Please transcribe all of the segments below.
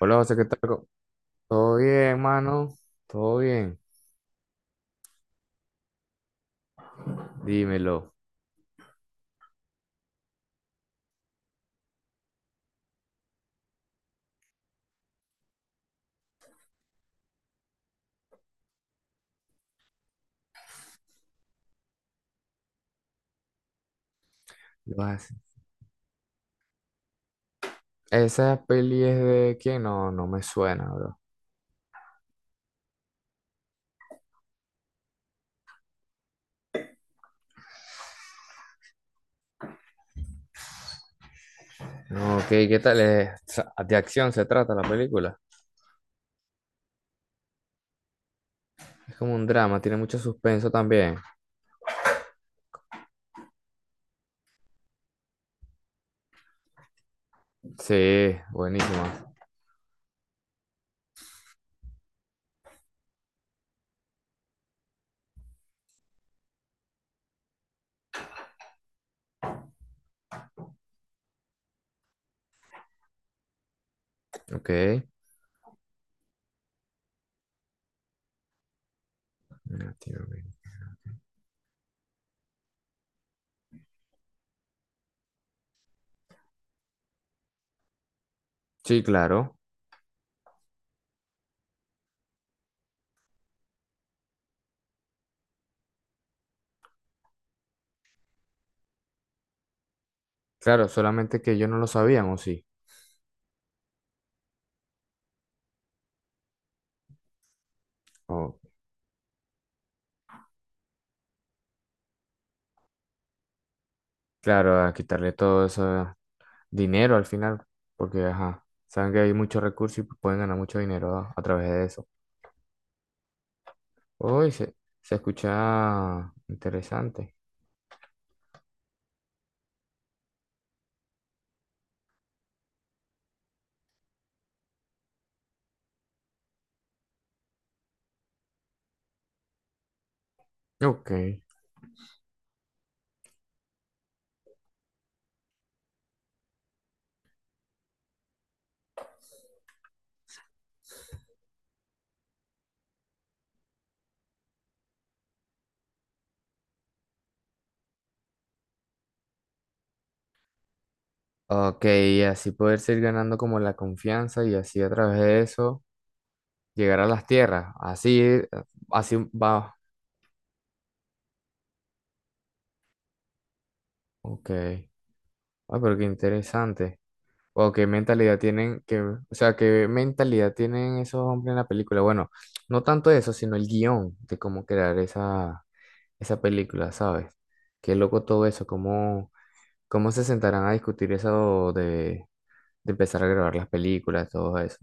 Hola José, ¿qué tal? ¿Todo bien, mano? ¿Todo bien? Dímelo. Lo hace. ¿Esa peli es de quién? No, no me suena, bro. No, ok, ¿qué tal? De acción se trata la película. Es como un drama, tiene mucho suspenso también. Sí, buenísima. Ok. Latinoamérica. Sí, claro. Claro, solamente que yo no lo sabían, ¿o sí? Oh, claro, a quitarle todo eso, dinero al final, porque ajá, saben que hay muchos recursos y pueden ganar mucho dinero a través de eso. Uy, se escucha interesante. Ok. Ok, y así poder seguir ganando como la confianza y así a través de eso llegar a las tierras. Así va. Ok. Ah, pero qué interesante. O qué mentalidad tienen, que, o sea, qué mentalidad tienen esos hombres en la película. Bueno, no tanto eso, sino el guión de cómo crear esa, película, ¿sabes? Qué loco todo eso, cómo se sentarán a discutir eso de empezar a grabar las películas, todo eso.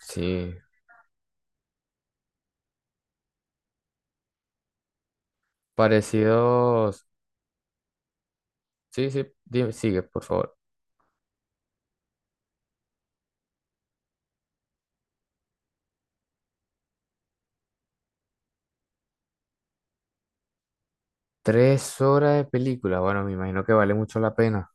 Sí, parecidos. Sí, sí, dime, sigue, por favor. 3 horas de película, bueno, me imagino que vale mucho la pena.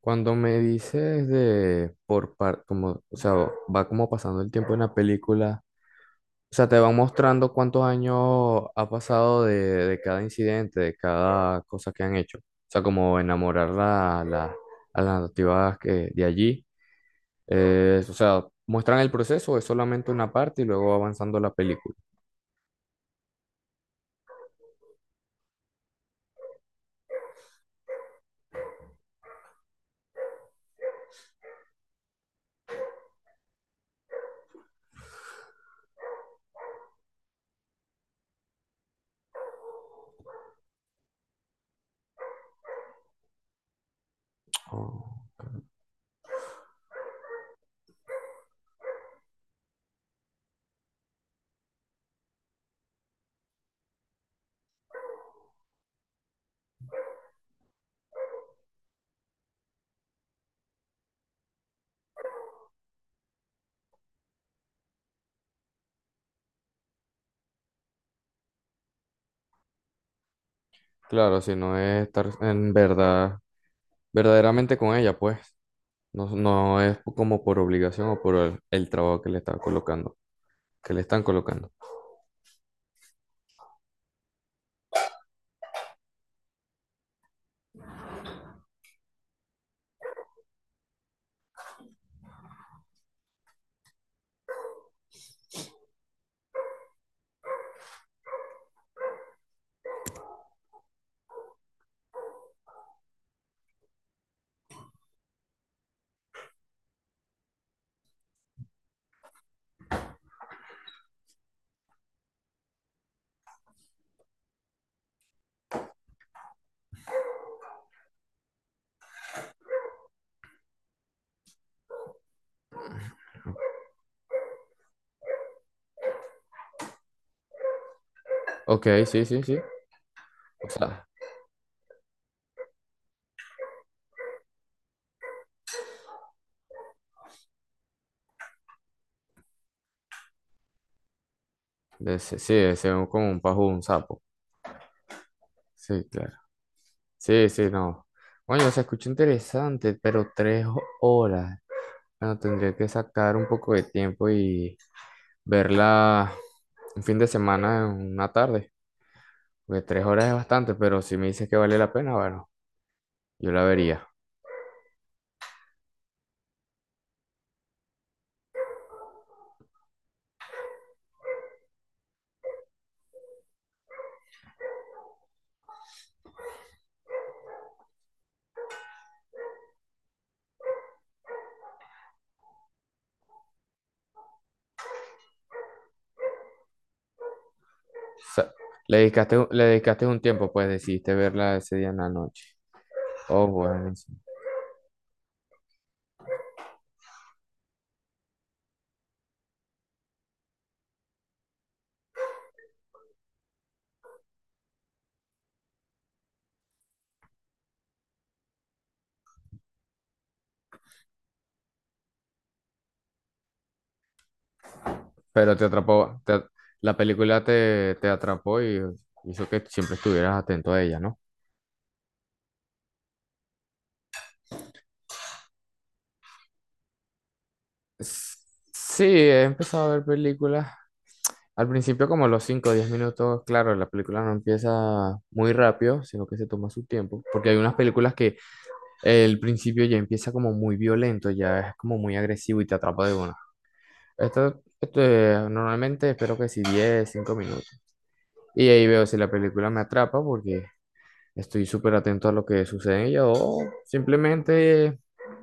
Cuando me dices de por par, como, o sea, va como pasando el tiempo en la película. O sea, te van mostrando cuántos años ha pasado de cada incidente, de cada cosa que han hecho. O sea, como enamorar a las nativas que, de allí. O sea, muestran el proceso, es solamente una parte y luego va avanzando la película. Oh, claro, si no es estar en verdad, verdaderamente con ella, pues. No, no es como por obligación o por el trabajo que le está colocando, que le están colocando. Ok, sí, sí, sí. O sea, sí, sí, es como un pajo, un sapo. Sí, claro. Sí, sí, no. Bueno, se escucha interesante, pero tres horas. Bueno, tendría que sacar un poco de tiempo y verla un fin de semana, en una tarde. Porque 3 horas es bastante, pero si me dices que vale la pena, bueno, yo la vería. O sea, le dedicaste, le dedicaste un tiempo, pues decidiste verla ese día en la noche. Oh, bueno. Pero te atrapó, la película te atrapó y hizo que siempre estuvieras atento a ella, ¿no? S- Sí, he empezado a ver películas. Al principio, como los 5, o 10 minutos, claro, la película no empieza muy rápido, sino que se toma su tiempo, porque hay unas películas que el principio ya empieza como muy violento, ya es como muy agresivo y te atrapa de una. Normalmente espero que sí 10, 5 minutos. Y ahí veo si la película me atrapa porque estoy súper atento a lo que sucede en ella o simplemente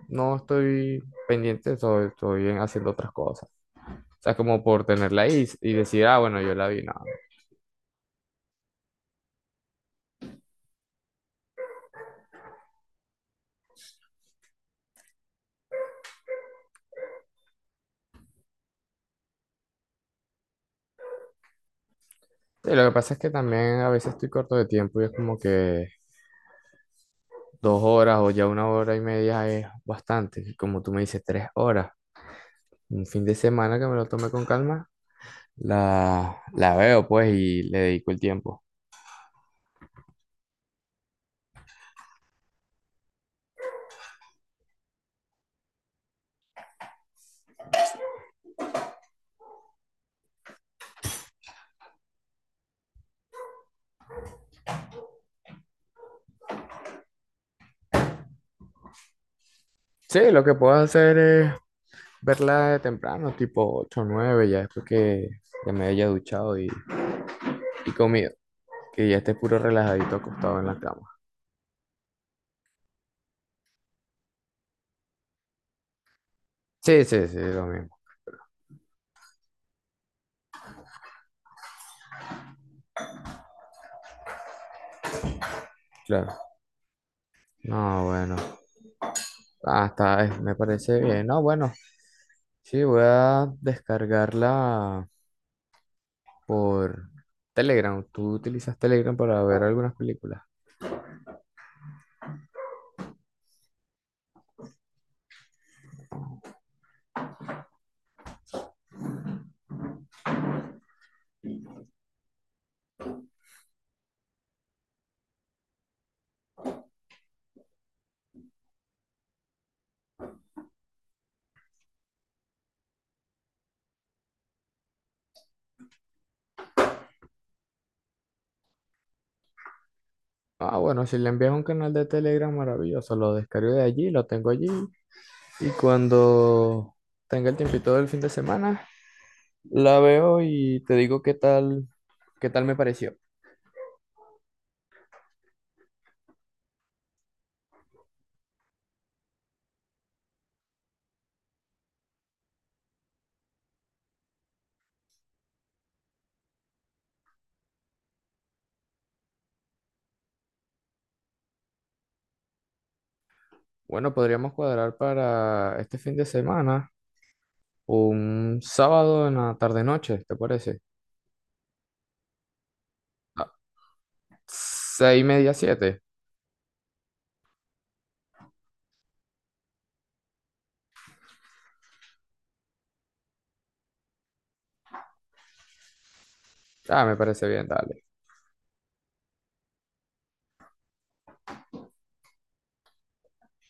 no estoy pendiente, estoy haciendo otras cosas. O sea, como por tenerla ahí y, decir, ah, bueno, yo la vi, no. Sí, lo que pasa es que también a veces estoy corto de tiempo y es como que 2 horas o ya 1 hora y media es bastante. Y como tú me dices, 3 horas. Un fin de semana que me lo tome con calma, la veo pues y le dedico el tiempo. Sí, lo que puedo hacer es verla de temprano, tipo 8 o 9, ya después que ya me haya duchado y comido, que ya esté puro relajadito acostado en la cama. Sí, sí, sí, lo mismo, claro. No, bueno, ah, está, me parece bien. No, bueno, sí, voy a descargarla por Telegram. ¿Tú utilizas Telegram para ver algunas películas? Ah, bueno, si le envías un canal de Telegram, maravilloso. Lo descargo de allí, lo tengo allí. Y cuando tenga el tiempito del fin de semana, la veo y te digo qué tal me pareció. Bueno, podríamos cuadrar para este fin de semana un sábado en la tarde-noche, ¿te parece? Ah, 6:30, siete. Ah, me parece bien, dale.